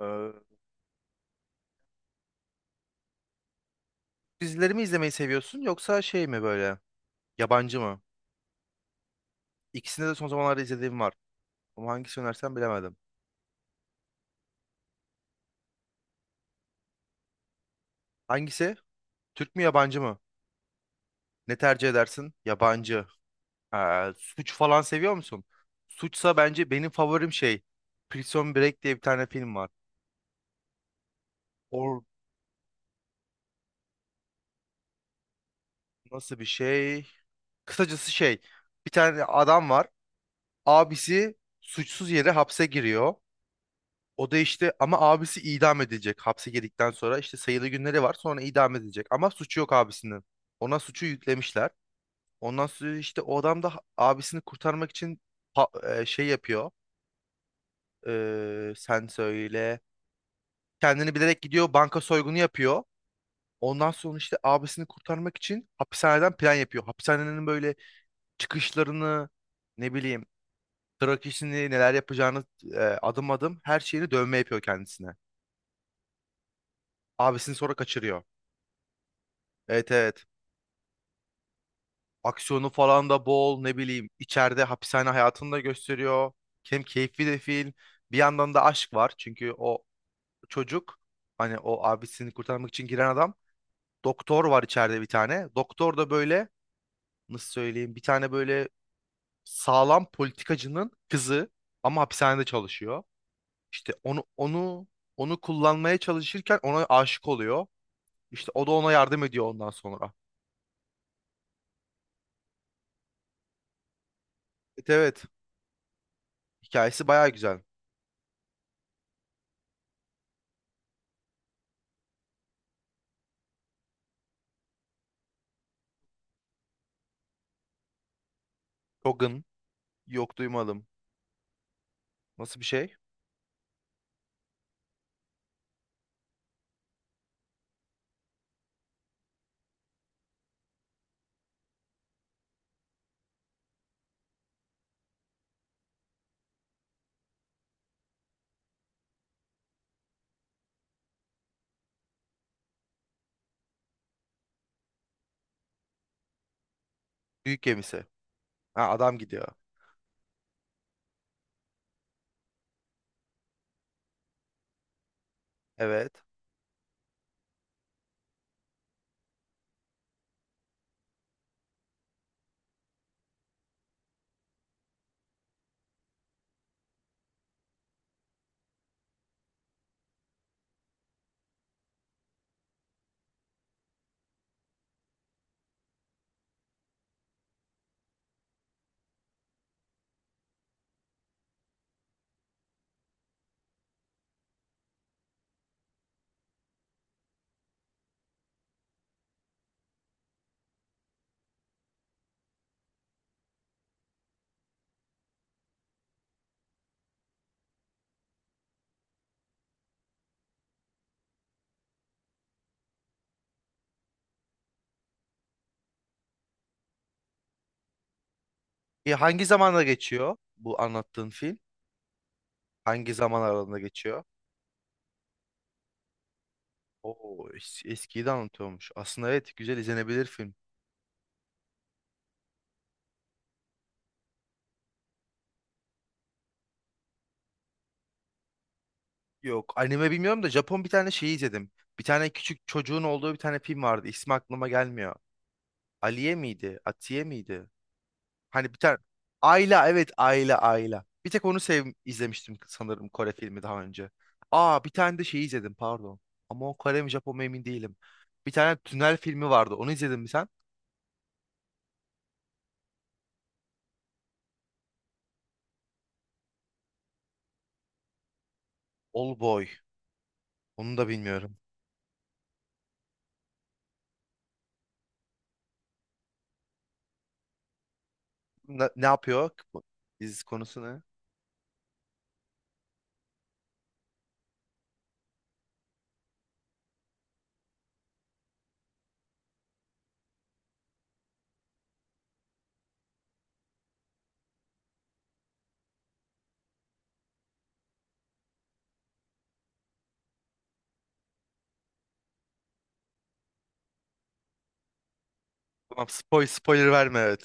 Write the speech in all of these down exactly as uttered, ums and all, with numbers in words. Ee, Dizileri mi izlemeyi seviyorsun yoksa şey mi böyle yabancı mı? İkisinde de son zamanlarda izlediğim var. Ama hangisi önersen bilemedim. Hangisi? Türk mü yabancı mı? Ne tercih edersin? Yabancı. Ee, suç falan seviyor musun? Suçsa bence benim favorim şey. Prison Break diye bir tane film var. O nasıl bir şey? Kısacası şey. Bir tane adam var. Abisi suçsuz yere hapse giriyor. O da işte ama abisi idam edilecek. Hapse girdikten sonra işte sayılı günleri var. Sonra idam edilecek. Ama suçu yok abisinin. Ona suçu yüklemişler. Ondan sonra işte o adam da ha- abisini kurtarmak için pa- e, şey yapıyor. Ee, sen söyle. Kendini bilerek gidiyor. Banka soygunu yapıyor. Ondan sonra işte abisini kurtarmak için hapishaneden plan yapıyor. Hapishanenin böyle çıkışlarını ne bileyim trak işini neler yapacağını e, adım adım her şeyini dövme yapıyor kendisine. Abisini sonra kaçırıyor. Evet evet. Aksiyonu falan da bol ne bileyim içeride hapishane hayatını da gösteriyor. Hem keyifli de film. Bir yandan da aşk var çünkü o çocuk hani o abisini kurtarmak için giren adam doktor var içeride bir tane. Doktor da böyle nasıl söyleyeyim bir tane böyle sağlam politikacının kızı ama hapishanede çalışıyor. İşte onu onu onu kullanmaya çalışırken ona aşık oluyor. İşte o da ona yardım ediyor ondan sonra. Evet evet. Hikayesi baya güzel. Logan yok duymadım. Nasıl bir şey? Büyük gemisi. Ha, adam gidiyor. Evet. E, hangi zamanda geçiyor bu anlattığın film? Hangi zaman aralığında geçiyor? Oo, es- eskiyi de anlatıyormuş. Aslında evet güzel izlenebilir film. Yok anime bilmiyorum da Japon bir tane şeyi izledim. Bir tane küçük çocuğun olduğu bir tane film vardı. İsmi aklıma gelmiyor. Aliye miydi? Atiye miydi? Hani bir tane Ayla evet Ayla Ayla. Bir tek onu sev izlemiştim sanırım Kore filmi daha önce. Aa bir tane de şey izledim pardon. Ama o Kore mi Japon mu emin değilim. Bir tane tünel filmi vardı. Onu izledin mi sen? All Boy. Onu da bilmiyorum. Ne, ne yapıyor? Dizi konusu ne? Tamam spoil, spoiler verme evet.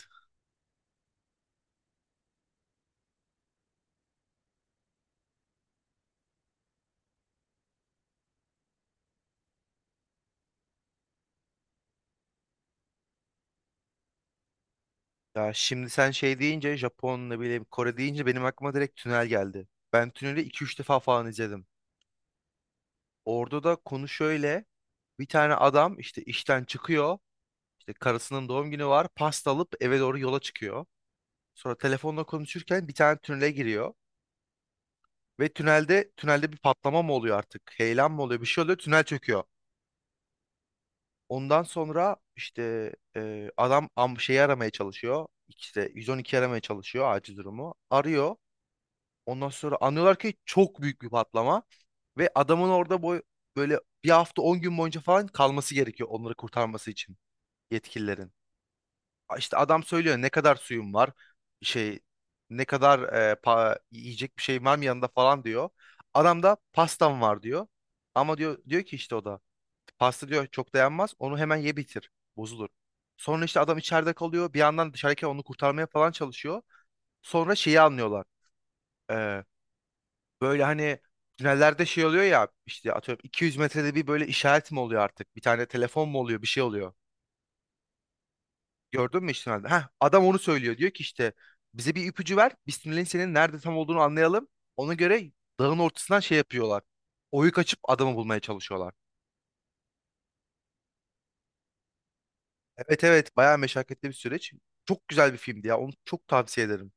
Ya şimdi sen şey deyince Japon ne bileyim Kore deyince benim aklıma direkt tünel geldi. Ben tüneli iki üç defa falan izledim. Orada da konu şöyle. Bir tane adam işte işten çıkıyor. İşte karısının doğum günü var. Pasta alıp eve doğru yola çıkıyor. Sonra telefonla konuşurken bir tane tünele giriyor. Ve tünelde tünelde bir patlama mı oluyor artık? Heyelan mı oluyor? Bir şey oluyor. Tünel çöküyor. Ondan sonra işte e, adam am şeyi aramaya çalışıyor. İşte bir bir iki aramaya çalışıyor acil durumu. Arıyor. Ondan sonra anlıyorlar ki çok büyük bir patlama. Ve adamın orada boy, böyle bir hafta on gün boyunca falan kalması gerekiyor onları kurtarması için yetkililerin. İşte adam söylüyor ne kadar suyum var şey ne kadar e, pa- yiyecek bir şey var mı yanında falan diyor. Adam da pastam var diyor. Ama diyor diyor ki işte o da pasta diyor çok dayanmaz onu hemen ye bitir bozulur. Sonra işte adam içeride kalıyor bir yandan dışarıdaki onu kurtarmaya falan çalışıyor. Sonra şeyi anlıyorlar. E, Böyle hani tünellerde şey oluyor ya işte atıyorum iki yüz metrede bir böyle işaret mi oluyor artık bir tane telefon mu oluyor bir şey oluyor. Gördün mü işte? Heh, adam onu söylüyor. Diyor ki işte bize bir ipucu ver. Biz tünelin senin nerede tam olduğunu anlayalım. Ona göre dağın ortasından şey yapıyorlar. Oyuk açıp adamı bulmaya çalışıyorlar. Evet evet bayağı meşakkatli bir süreç. Çok güzel bir filmdi ya. Onu çok tavsiye ederim.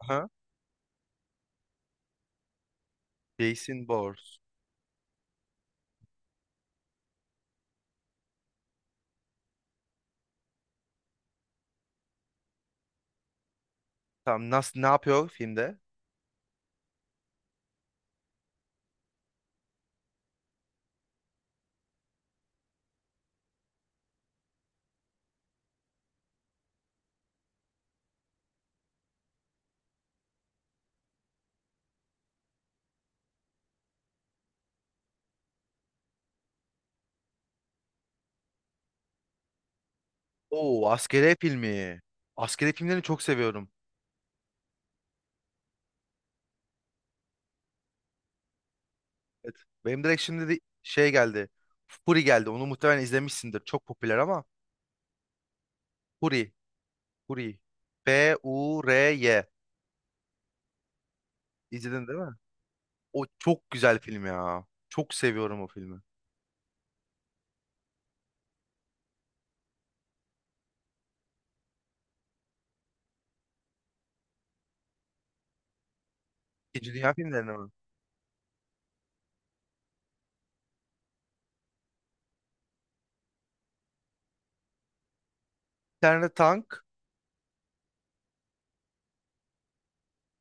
Aha. Jason Bourne. Tamam nasıl ne yapıyor filmde? Oo askeri filmi. Askeri filmlerini çok seviyorum. Evet. Benim direkt şimdi de şey geldi. Fury geldi. Onu muhtemelen izlemişsindir. Çok popüler ama Fury. Fury. F-U-R-Y. İzledin değil mi? O çok güzel film ya. Çok seviyorum o filmi. İkinci Dünya filmlerini mi? Bir tane tank.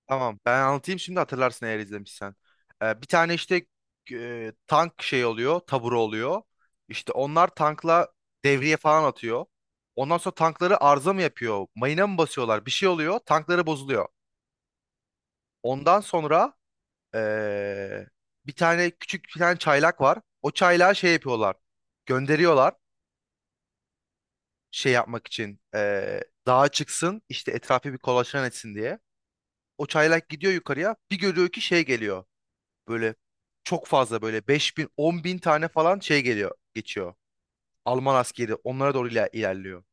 Tamam ben anlatayım şimdi hatırlarsın eğer izlemişsen. Ee, bir tane işte e, tank şey oluyor. Taburu oluyor. İşte onlar tankla devriye falan atıyor. Ondan sonra tankları arıza mı yapıyor? Mayına mı basıyorlar? Bir şey oluyor. Tankları bozuluyor. Ondan sonra e, bir tane küçük bir tane çaylak var. O çaylağı şey yapıyorlar. Gönderiyorlar. Şey yapmak için eee dağa çıksın işte etrafı bir kolaçan etsin diye. O çaylak gidiyor yukarıya bir görüyor ki şey geliyor böyle çok fazla böyle 5000 bin on tane falan şey geliyor geçiyor. Alman askeri onlara doğru iler- ilerliyor.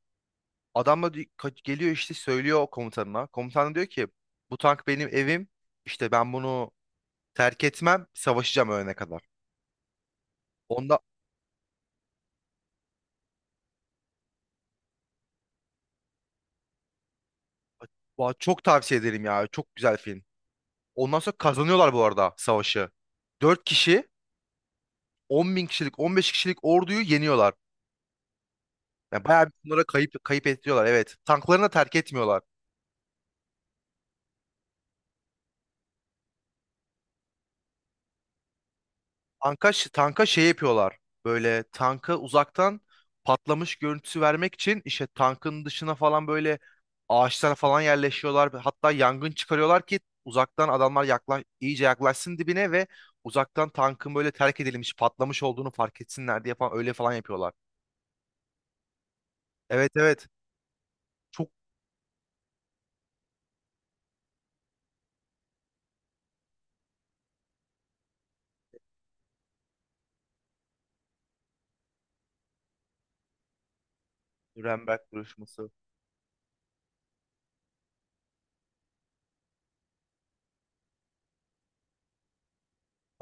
Adam da di- ka- geliyor işte söylüyor o komutanına. Komutan da diyor ki bu tank benim evim işte ben bunu terk etmem savaşacağım ölene kadar. Onda Vay, çok tavsiye ederim ya çok güzel film. Ondan sonra kazanıyorlar bu arada savaşı. Dört kişi on bin kişilik, on beş kişilik orduyu yeniyorlar. Yani bayağı bir bunlara kayıp kayıp ettiriyorlar. Evet. Tanklarını da terk etmiyorlar. Tanka, ş- tanka şey yapıyorlar. Böyle tanka uzaktan patlamış görüntüsü vermek için işte tankın dışına falan böyle ağaçlara falan yerleşiyorlar. Hatta yangın çıkarıyorlar ki uzaktan adamlar yakla, iyice yaklaşsın dibine ve uzaktan tankın böyle terk edilmiş, patlamış olduğunu fark etsinler diye falan öyle falan yapıyorlar. Evet evet. Çok Nürnberg duruşması.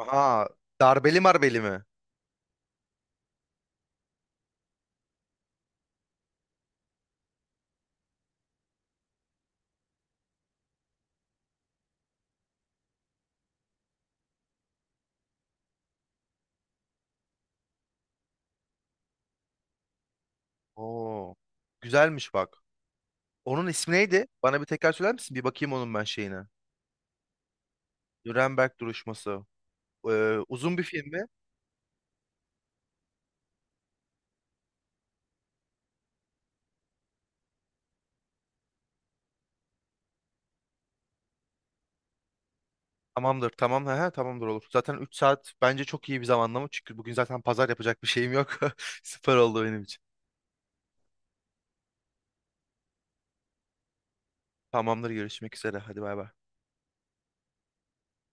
Aha, darbeli marbeli mi? Oo. Güzelmiş bak. Onun ismi neydi? Bana bir tekrar söyler misin? Bir bakayım onun ben şeyine. Nuremberg duruşması. Ee, uzun bir film mi? Tamamdır, tamam. He, tamamdır olur. Zaten üç saat bence çok iyi bir zamanlama. Çünkü bugün zaten pazar yapacak bir şeyim yok. Süper oldu benim için. Tamamdır, görüşmek üzere. Hadi bay bay.